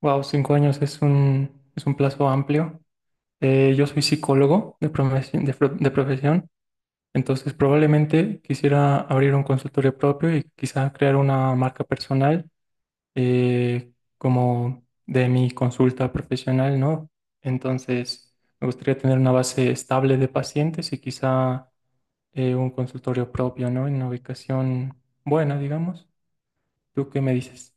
Wow, cinco años es es un plazo amplio. Yo soy psicólogo de profesión, de profesión, entonces probablemente quisiera abrir un consultorio propio y quizá crear una marca personal, eh, como de mi consulta profesional, ¿no? Entonces me gustaría tener una base estable de pacientes y quizá un consultorio propio, ¿no? En una ubicación buena, digamos. ¿Tú qué me dices?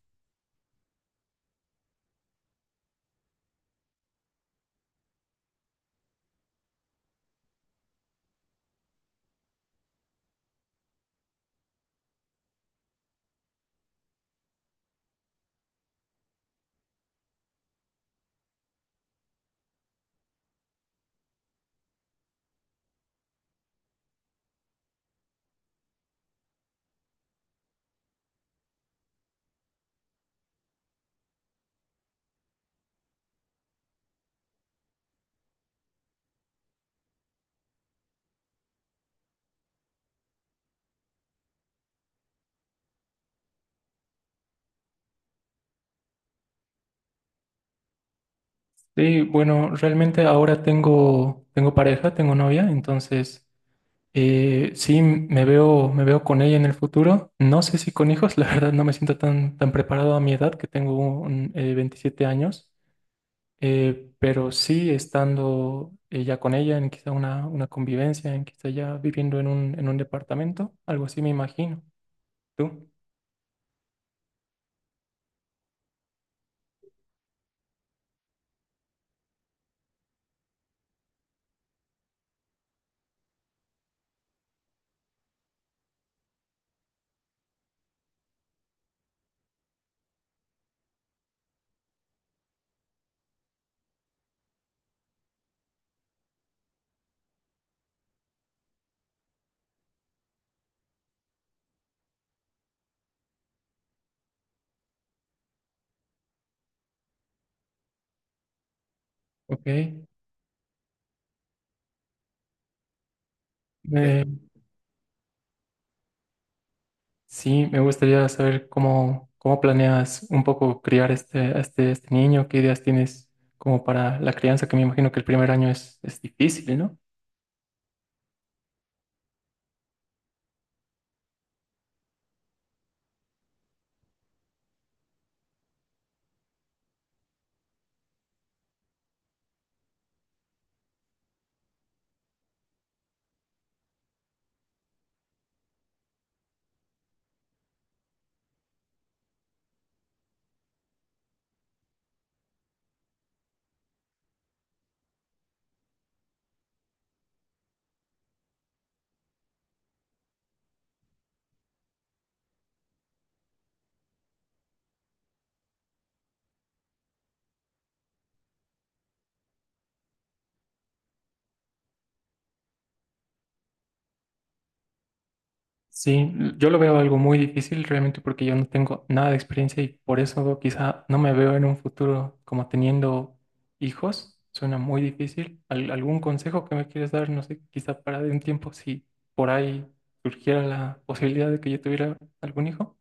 Sí, bueno, realmente ahora tengo pareja, tengo novia, entonces sí me veo con ella en el futuro. No sé si con hijos. La verdad no me siento tan preparado a mi edad, que tengo 27 años, pero sí estando ya con ella en quizá una convivencia, en quizá ya viviendo en en un departamento, algo así me imagino. ¿Tú? Ok. Eh, Sí, me gustaría saber cómo planeas un poco criar este niño, qué ideas tienes como para la crianza, que me imagino que el primer año es difícil, ¿no? Sí, yo lo veo algo muy difícil realmente porque yo no tengo nada de experiencia y por eso quizá no me veo en un futuro como teniendo hijos. Suena muy difícil. Algún consejo que me quieres dar? No sé, quizá para de un tiempo si por ahí surgiera la posibilidad de que yo tuviera algún hijo.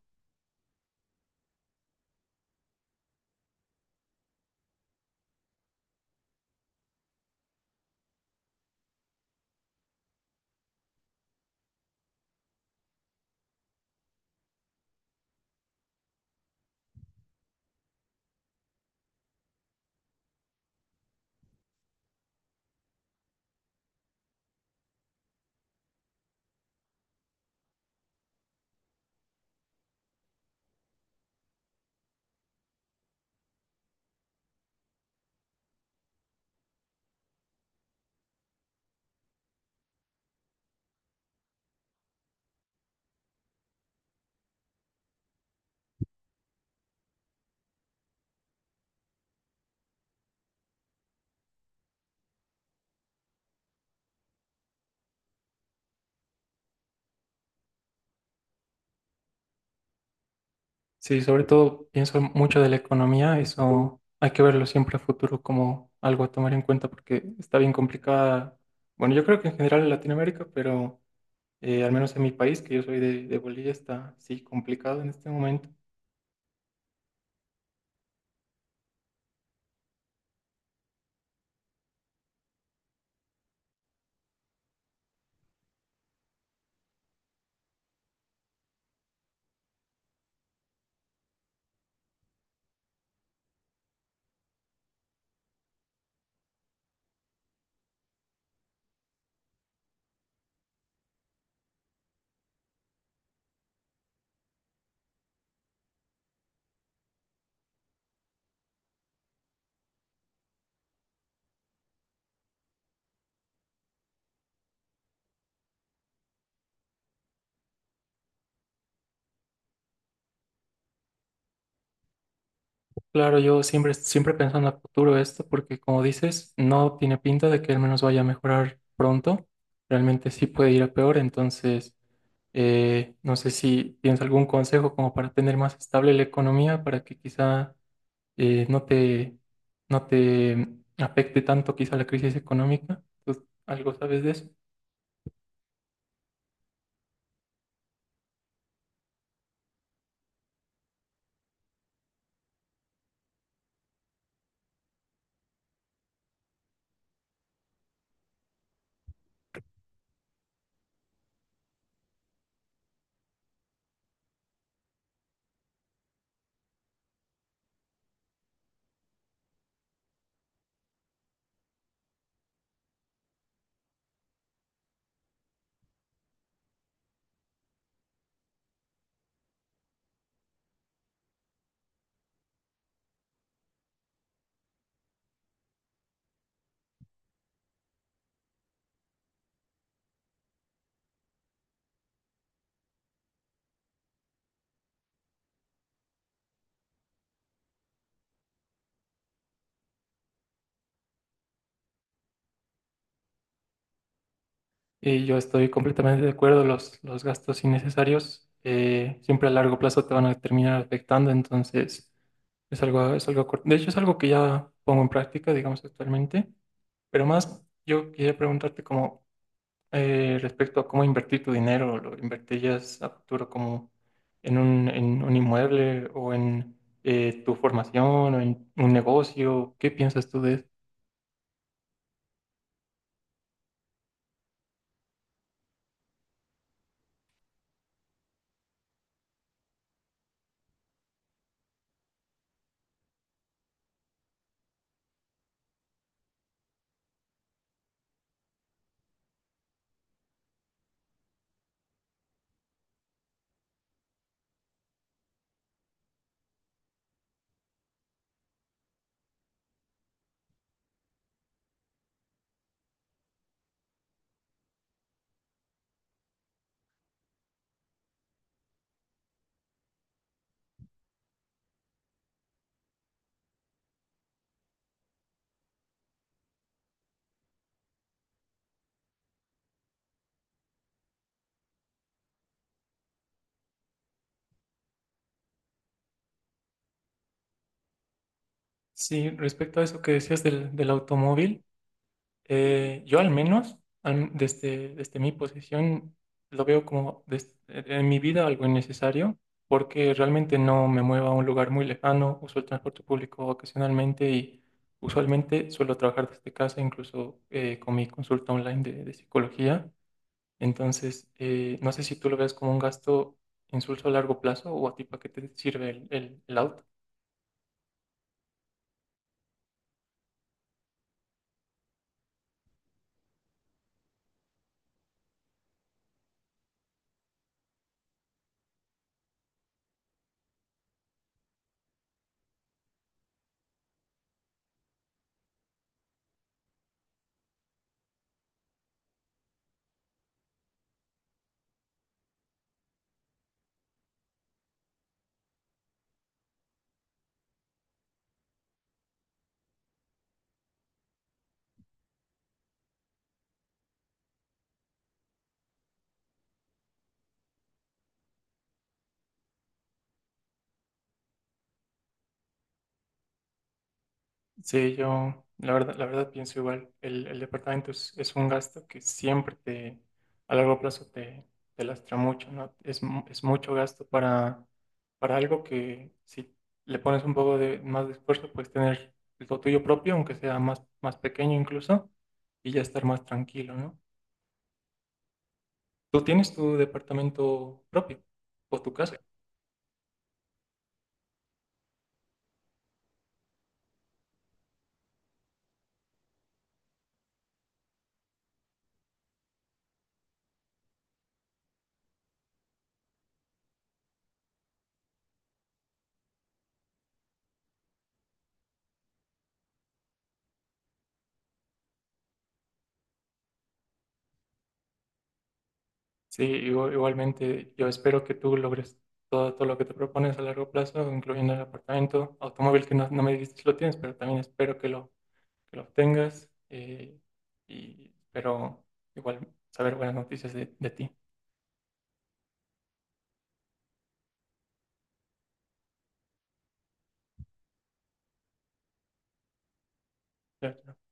Sí, sobre todo pienso mucho de la economía, eso hay que verlo siempre a futuro como algo a tomar en cuenta porque está bien complicada. Bueno, yo creo que en general en Latinoamérica, pero al menos en mi país, que yo soy de Bolivia, está sí complicado en este momento. Claro, yo siempre, siempre pensando a futuro esto porque como dices, no tiene pinta de que al menos vaya a mejorar pronto, realmente sí puede ir a peor, entonces no sé si tienes algún consejo como para tener más estable la economía, para que quizá eh, no te, no te afecte tanto quizá la crisis económica. ¿Tú algo sabes de eso? Y yo estoy completamente de acuerdo, los gastos innecesarios siempre a largo plazo te van a terminar afectando, entonces es algo, de hecho, es algo que ya pongo en práctica, digamos, actualmente, pero más yo quería preguntarte como... Respecto a cómo invertir tu dinero, ¿lo invertirías a futuro como en en un inmueble o en tu formación o en un negocio? ¿Qué piensas tú de eso? Sí, respecto a eso que decías del automóvil. Yo al menos, desde mi posición, lo veo como en mi vida algo innecesario, porque realmente no me muevo a un lugar muy lejano, uso el transporte público ocasionalmente y usualmente suelo trabajar desde casa, incluso con mi consulta online de psicología. Entonces, no sé si tú lo ves como un gasto insulso a largo plazo o a ti para qué te sirve el auto. Sí, yo la verdad pienso igual. El departamento es un gasto que siempre a largo plazo te lastra mucho, ¿no? Es mucho gasto para algo que si le pones un poco de más de esfuerzo, puedes tener lo tuyo propio, aunque sea más pequeño incluso, y ya estar más tranquilo, ¿no? ¿Tú tienes tu departamento propio o tu casa? Sí, igualmente yo espero que tú logres todo lo que te propones a largo plazo, incluyendo el apartamento, automóvil que no me dijiste si lo tienes, pero también espero que que lo obtengas, y espero igual saber buenas noticias de ti. Chao, chao.